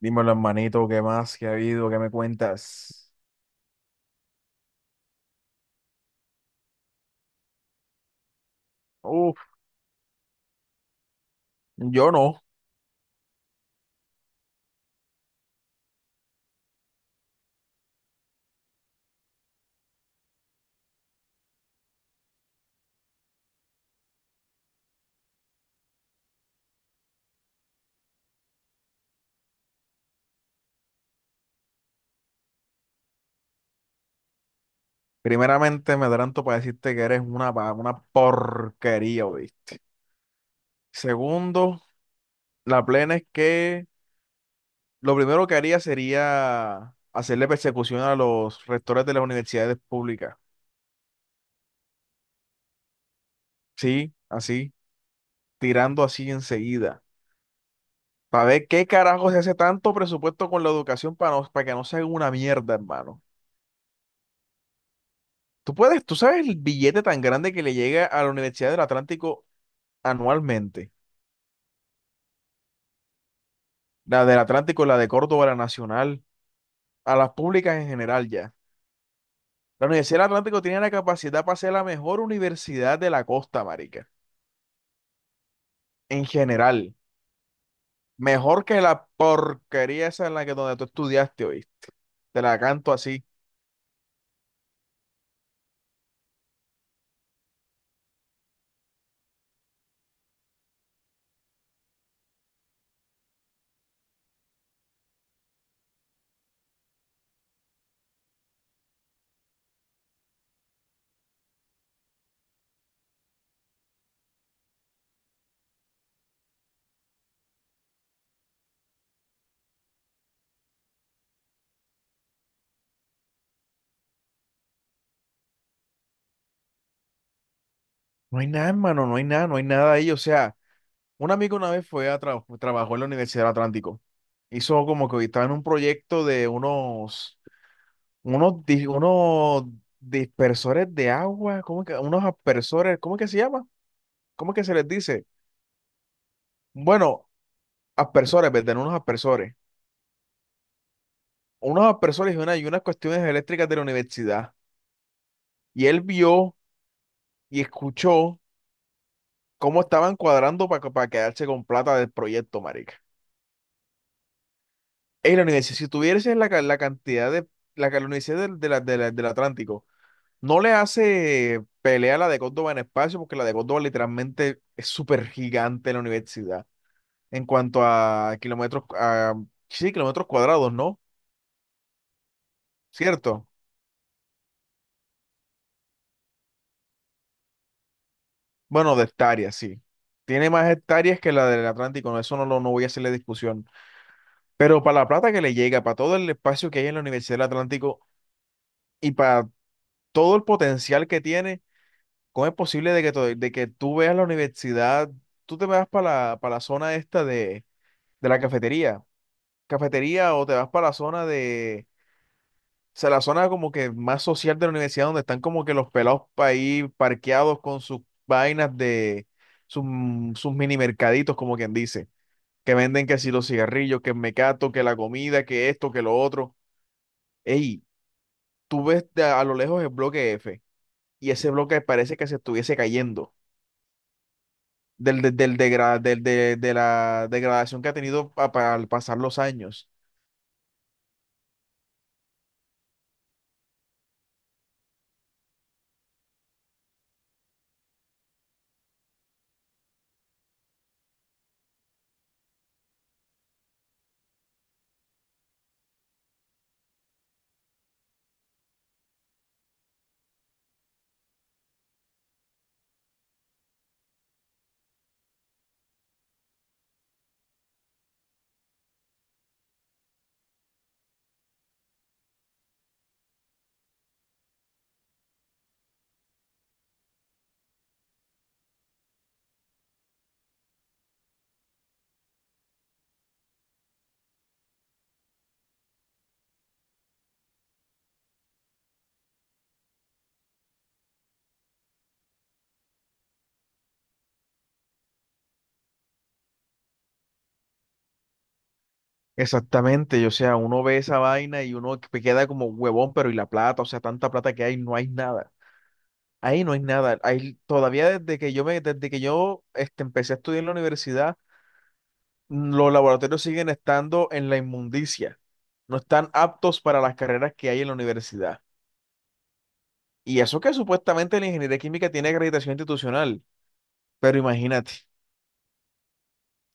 Dímelo, hermanito, ¿qué más? ¿Qué ha habido? ¿Qué me cuentas? Uf, yo no. Primeramente, me adelanto para decirte que eres una, una porquería, ¿oíste? Segundo, la plena es que lo primero que haría sería hacerle persecución a los rectores de las universidades públicas. Sí, así, tirando así enseguida. Para ver qué carajo se hace tanto presupuesto con la educación para, para que no sea una mierda, hermano. Tú puedes, tú sabes el billete tan grande que le llega a la Universidad del Atlántico anualmente. La del Atlántico, la de Córdoba, la Nacional, a las públicas en general ya. La Universidad del Atlántico tiene la capacidad para ser la mejor universidad de la costa, marica. En general. Mejor que la porquería esa en la que donde tú estudiaste hoy. Te la canto así. No hay nada, hermano, no hay nada, no hay nada ahí. O sea, un amigo una vez fue a trabajó en la Universidad del Atlántico. Hizo como que estaba en un proyecto de unos dispersores de agua, ¿cómo que? Unos aspersores, ¿cómo que se llama? ¿Cómo que se les dice? Bueno, aspersores, ¿verdad? Unos aspersores. Unos aspersores y, una, y unas cuestiones eléctricas de la universidad. Y él vio y escuchó cómo estaban cuadrando para quedarse con plata del proyecto, marica. En la universidad, si tuviese la cantidad de, la universidad del, de la- del Atlántico, no le hace pelea a la de Córdoba en espacio, porque la de Córdoba literalmente es súper gigante la universidad en cuanto a kilómetros, a, sí, kilómetros cuadrados, ¿no? ¿Cierto? Bueno, de hectáreas, sí. Tiene más hectáreas que la del Atlántico, no, eso no, lo, no voy a hacerle discusión. Pero para la plata que le llega, para todo el espacio que hay en la Universidad del Atlántico y para todo el potencial que tiene, ¿cómo es posible de que, de que tú veas la universidad, tú te vas para para la zona esta de la cafetería? Cafetería o te vas para la zona de sea, la zona como que más social de la universidad, donde están como que los pelados pa' ahí parqueados con sus vainas de sus, sus mini mercaditos, como quien dice, que venden que si los cigarrillos, que el mecato, que la comida, que esto, que lo otro. Ey, tú ves a lo lejos el bloque F y ese bloque parece que se estuviese cayendo del de la degradación que ha tenido al pasar los años. Exactamente, o sea, uno ve esa vaina y uno que queda como huevón, pero y la plata, o sea, tanta plata que hay, no hay nada. Ahí no hay nada. Ahí, todavía desde que desde que empecé a estudiar en la universidad, los laboratorios siguen estando en la inmundicia. No están aptos para las carreras que hay en la universidad. Y eso que supuestamente la ingeniería química tiene acreditación institucional, pero imagínate,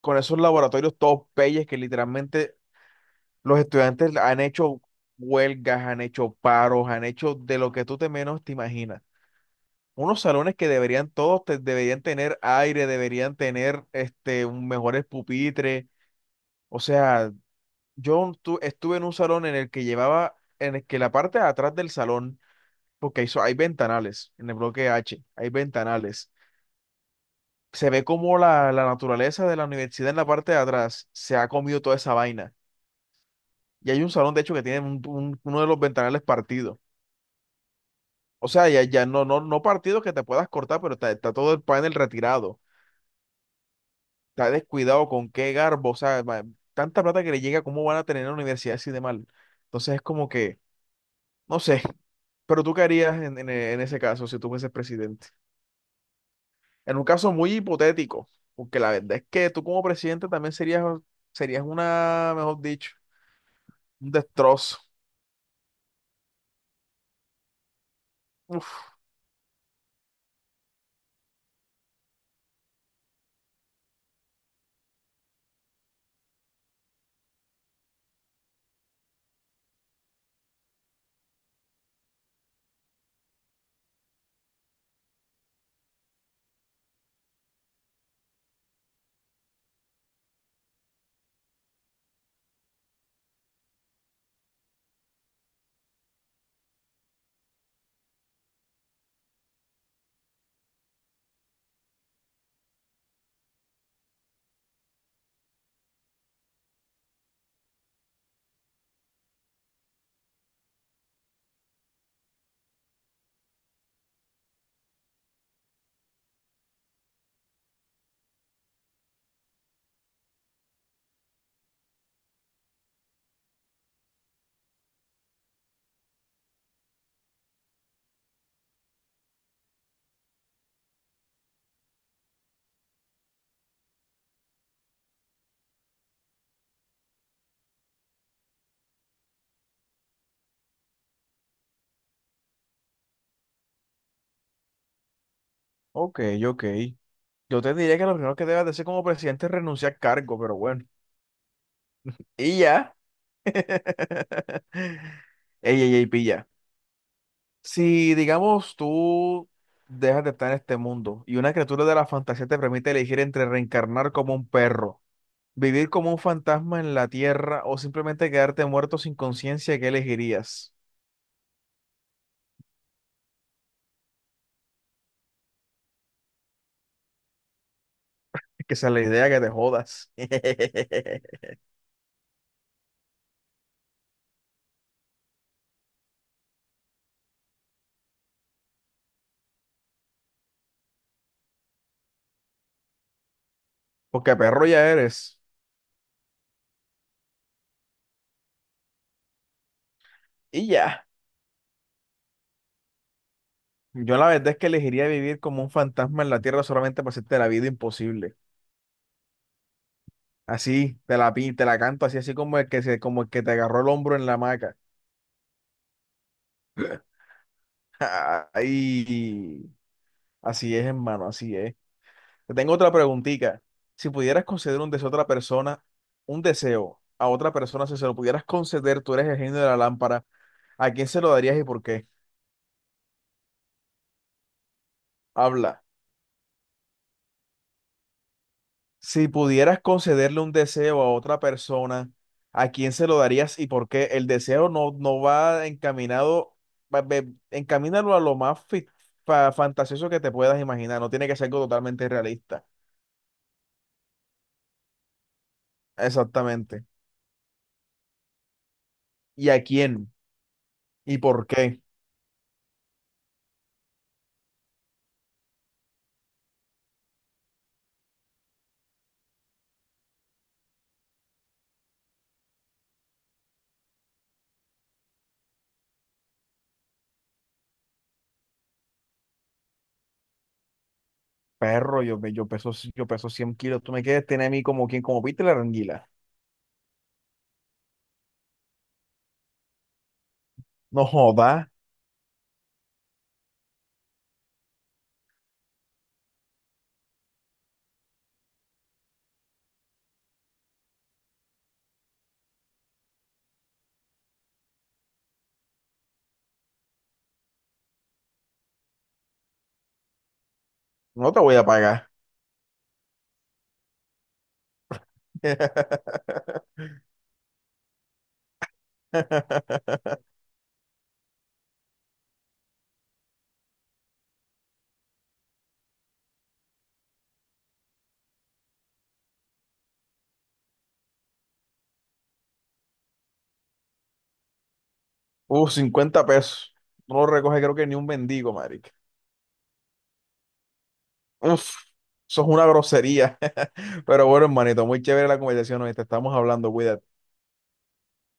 con esos laboratorios todos peyes que literalmente los estudiantes han hecho huelgas, han hecho paros, han hecho de lo que tú te menos te imaginas. Unos salones que deberían deberían tener aire, deberían tener este un mejores pupitres. O sea, yo estuve en un salón en el que llevaba, en el que la parte de atrás del salón, porque hay, hay ventanales en el bloque H, hay ventanales. Se ve como la naturaleza de la universidad en la parte de atrás se ha comido toda esa vaina. Y hay un salón, de hecho, que tiene uno de los ventanales partido. O sea, ya, ya no, no partido que te puedas cortar, pero está todo el panel retirado. Está descuidado con qué garbo. O sea, tanta plata que le llega, ¿cómo van a tener en la universidad así de mal? Entonces es como que, no sé. Pero tú qué harías en ese caso si tú fueses presidente. En un caso muy hipotético, porque la verdad es que tú como presidente también serías, serías una, mejor dicho, un destrozo. Uf, ok, ok. Yo te diría que lo primero que debes de hacer como presidente es renunciar al cargo, pero bueno. Y ya. Ey, ey, ey, pilla. Si, digamos, tú dejas de estar en este mundo y una criatura de la fantasía te permite elegir entre reencarnar como un perro, vivir como un fantasma en la tierra o simplemente quedarte muerto sin conciencia, ¿qué elegirías? Es que esa es la idea que te jodas. Porque perro ya eres. Y ya. Yo la verdad es que elegiría vivir como un fantasma en la tierra solamente para hacerte la vida imposible. Así, te la canto así, así como el que se, como el que te agarró el hombro en la hamaca. Ay, así es, hermano, así es. Te tengo otra preguntita. Si pudieras conceder un deseo a otra persona, un deseo a otra persona, si se lo pudieras conceder, tú eres el genio de la lámpara, ¿a quién se lo darías y por qué? Habla. Si pudieras concederle un deseo a otra persona, ¿a quién se lo darías y por qué? El deseo no, no va encaminado, encamínalo a lo más fantasioso que te puedas imaginar, no tiene que ser algo totalmente realista. Exactamente. ¿Y a quién? ¿Y por qué? Perro, yo, yo peso 100 kilos, tú me quieres tener a mí como quien, como Peter la anguila. No jodas, no te voy a pagar. Uf, 50 pesos. No lo recoge creo que ni un mendigo, marica. Uf, eso es una grosería. Pero bueno, hermanito, muy chévere la conversación, hoy te estamos hablando, cuídate.